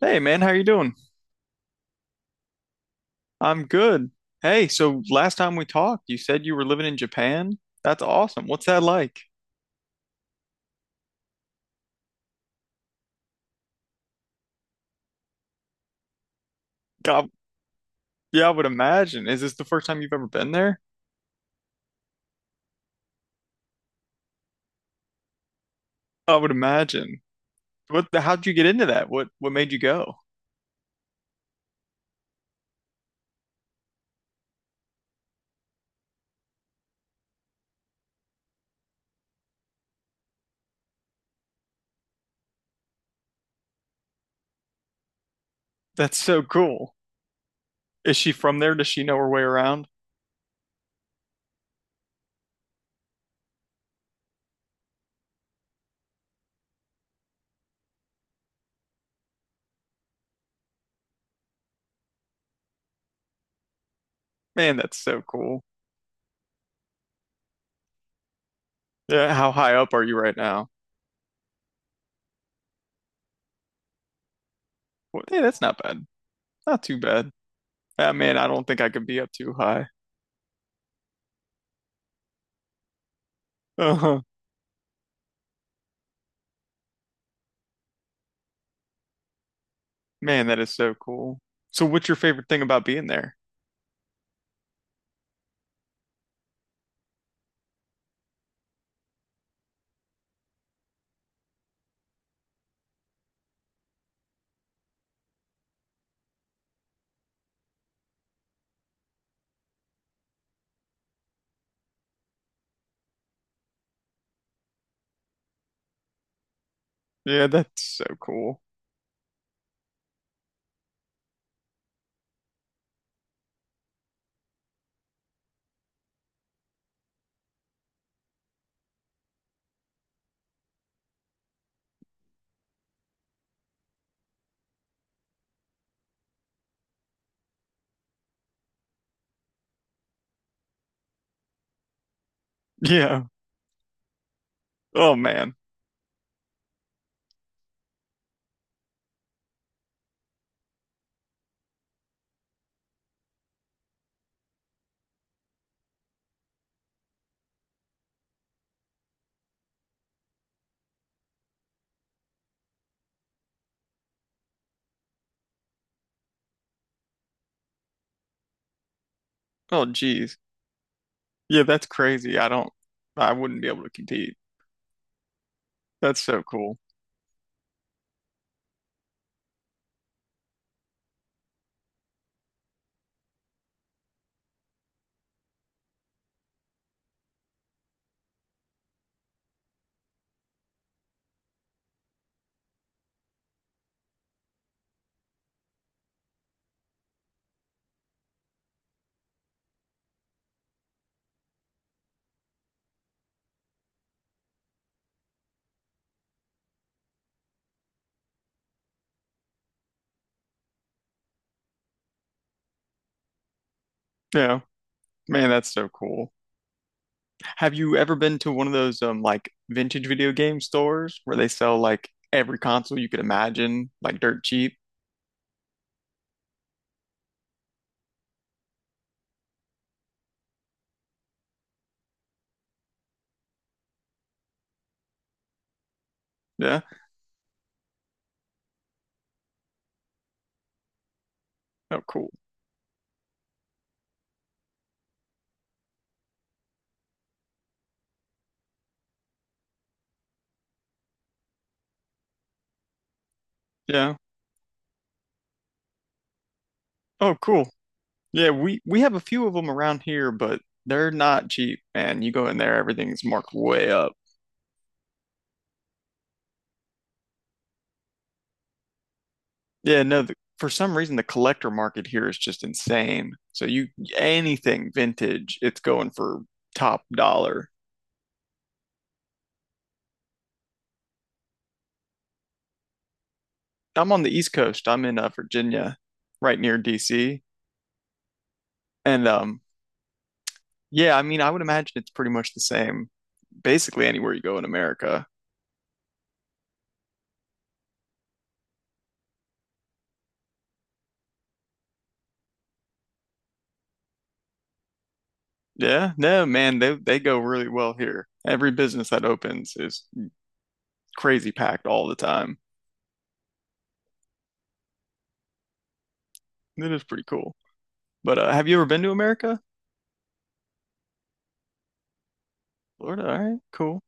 Hey man, how you doing? I'm good. Hey, so last time we talked, you said you were living in Japan. That's awesome. What's that like? God, yeah, I would imagine. Is this the first time you've ever been there? I would imagine. How'd you get into that? What made you go? That's so cool. Is she from there? Does she know her way around? Man, that's so cool. Yeah, how high up are you right now? Well, hey, that's not bad. Not too bad. Ah, man, I don't think I could be up too high. Uh-huh. Man, that is so cool. So what's your favorite thing about being there? Yeah, that's so cool. Yeah. Oh man. Oh geez. Yeah, that's crazy. I wouldn't be able to compete. That's so cool. Yeah. Man, that's so cool. Have you ever been to one of those like vintage video game stores where they sell like every console you could imagine, like dirt cheap? Yeah. Oh cool. Yeah. Oh cool. Yeah, we have a few of them around here, but they're not cheap, man. You go in there, everything's marked way up. Yeah, no, for some reason the collector market here is just insane. So you Anything vintage, it's going for top dollar. I'm on the East Coast. I'm in Virginia, right near DC. And yeah, I mean, I would imagine it's pretty much the same basically anywhere you go in America. Yeah, no, man, they go really well here. Every business that opens is crazy packed all the time. It is pretty cool. But have you ever been to America? Florida, all right, cool.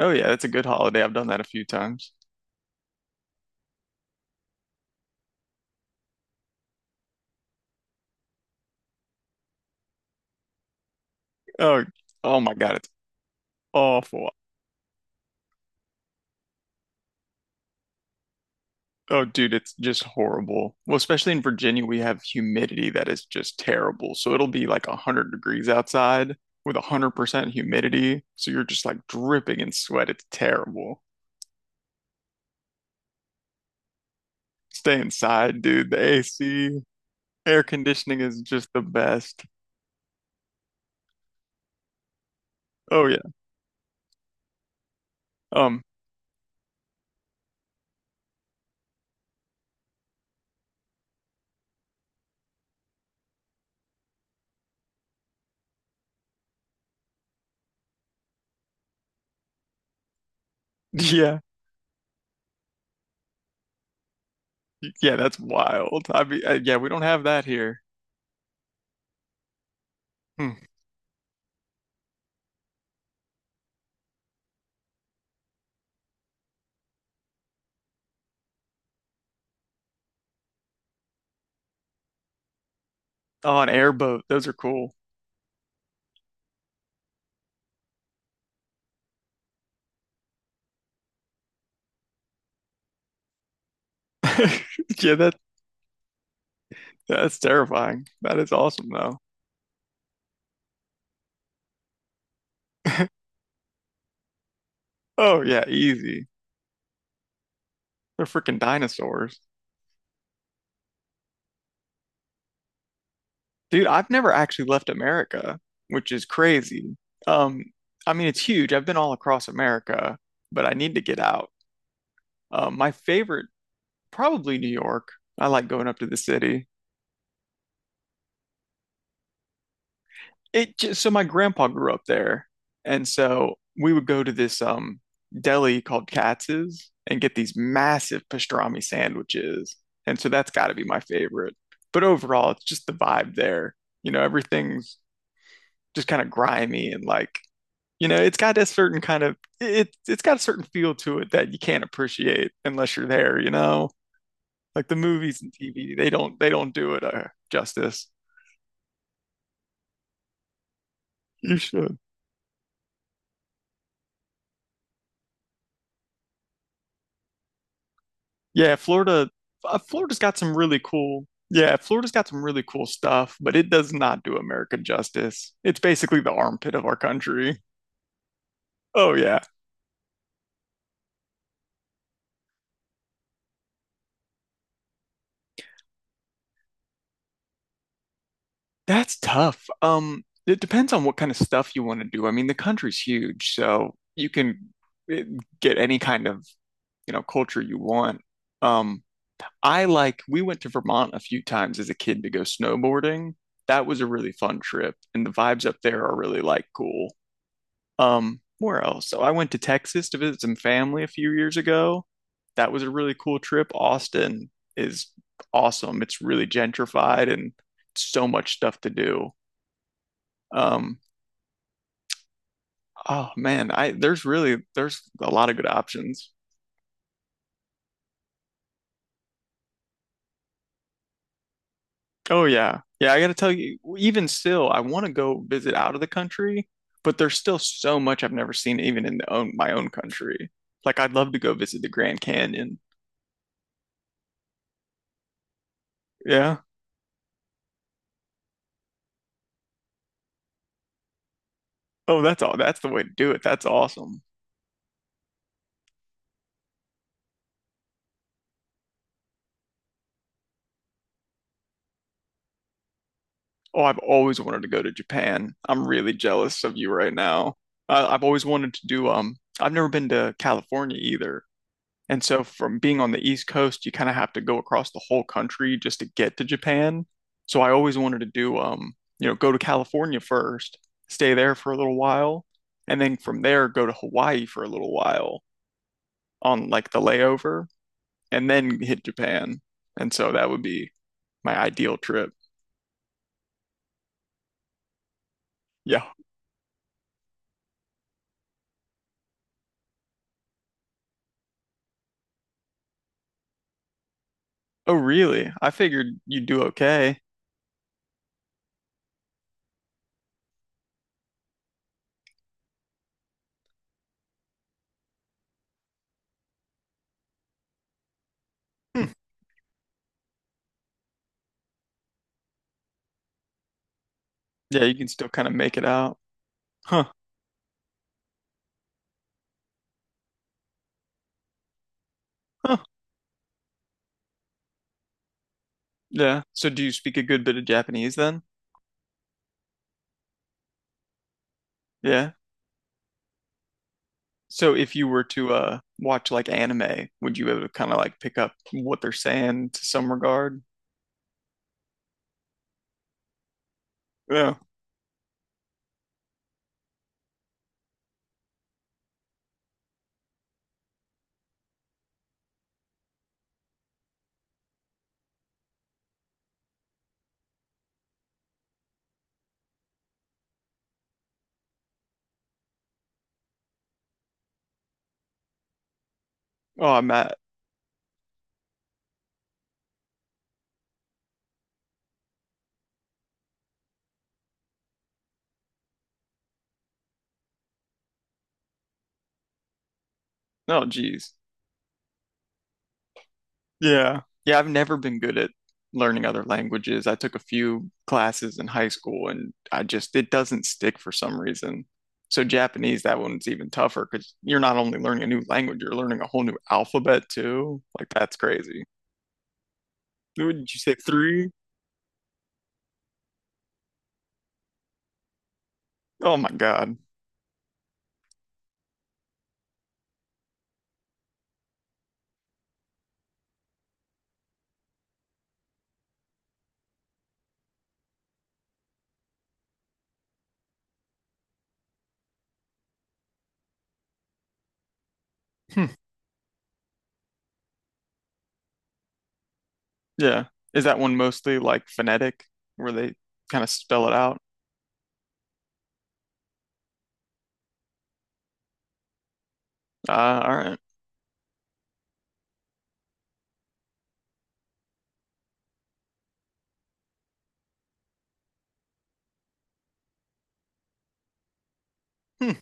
Oh yeah, that's a good holiday. I've done that a few times. Oh, oh my God, it's awful. Oh, dude, it's just horrible. Well, especially in Virginia, we have humidity that is just terrible. So it'll be like 100 degrees outside with 100% humidity. So you're just like dripping in sweat. It's terrible. Stay inside, dude. The AC, air conditioning is just the best. Oh yeah. Um, yeah. Yeah, that's wild. I mean, yeah, we don't have that here. Hmm. Oh, an airboat. Those are cool. Yeah, that's terrifying. That is awesome though. Oh yeah, easy. They're freaking dinosaurs. Dude, I've never actually left America, which is crazy. Um, I mean it's huge. I've been all across America, but I need to get out. My favorite, probably New York. I like going up to the city. It just so my grandpa grew up there. And so we would go to this deli called Katz's and get these massive pastrami sandwiches. And so that's got to be my favorite. But overall, it's just the vibe there. You know, everything's just kind of grimy, and it's got a certain kind of it's got a certain feel to it that you can't appreciate unless you're there, you know, like the movies and TV, they don't do it justice. You should. Yeah, Florida, Florida's got some really cool, Florida's got some really cool stuff, but it does not do America justice. It's basically the armpit of our country. Oh yeah. That's tough. It depends on what kind of stuff you want to do. I mean, the country's huge, so you can eh, get any kind of, you know, culture you want. Um, we went to Vermont a few times as a kid to go snowboarding. That was a really fun trip, and the vibes up there are really like cool. Where else? So I went to Texas to visit some family a few years ago. That was a really cool trip. Austin is awesome. It's really gentrified and so much stuff to do. Um, oh man, I there's really there's a lot of good options. Oh yeah. Yeah, I gotta tell you, even still, I want to go visit out of the country, but there's still so much I've never seen even in the own my own country. Like I'd love to go visit the Grand Canyon. Yeah. Oh, that's all. That's the way to do it. That's awesome. Oh, I've always wanted to go to Japan. I'm really jealous of you right now. I've always wanted to do I've never been to California either. And so from being on the East Coast, you kind of have to go across the whole country just to get to Japan. So I always wanted to do, you know, go to California first, stay there for a little while, and then from there go to Hawaii for a little while on like the layover and then hit Japan. And so that would be my ideal trip. Yeah. Oh, really? I figured you'd do okay. Hmm. Yeah, you can still kind of make it out. Huh. Huh. Yeah. So do you speak a good bit of Japanese then? Yeah. So if you were to watch like anime, would you be able to kind of like pick up what they're saying to some regard? Yeah. Oh, I'm at. Oh, geez. Yeah. Yeah, I've never been good at learning other languages. I took a few classes in high school, and I just it doesn't stick for some reason. So Japanese, that one's even tougher because you're not only learning a new language, you're learning a whole new alphabet too. Like that's crazy. Would you say three? Oh my God. Yeah. Is that one mostly like phonetic where they kind of spell it out? Uh, all right. Hmm.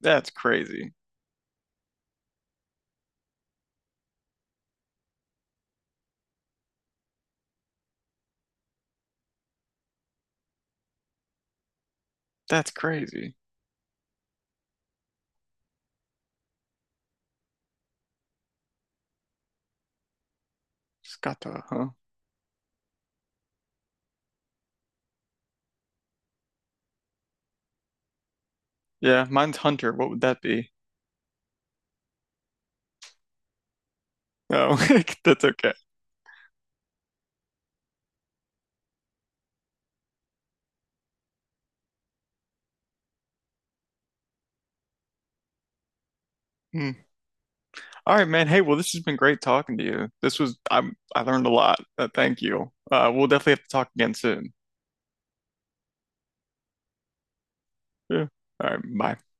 That's crazy. That's crazy. Scotto, huh? Yeah, mine's Hunter. What would that be? Oh, that's okay. Hmm. All right, man. Hey, well, this has been great talking to you. This was I learned a lot. Thank you. We'll definitely have to talk again soon. Yeah. All right. Bye.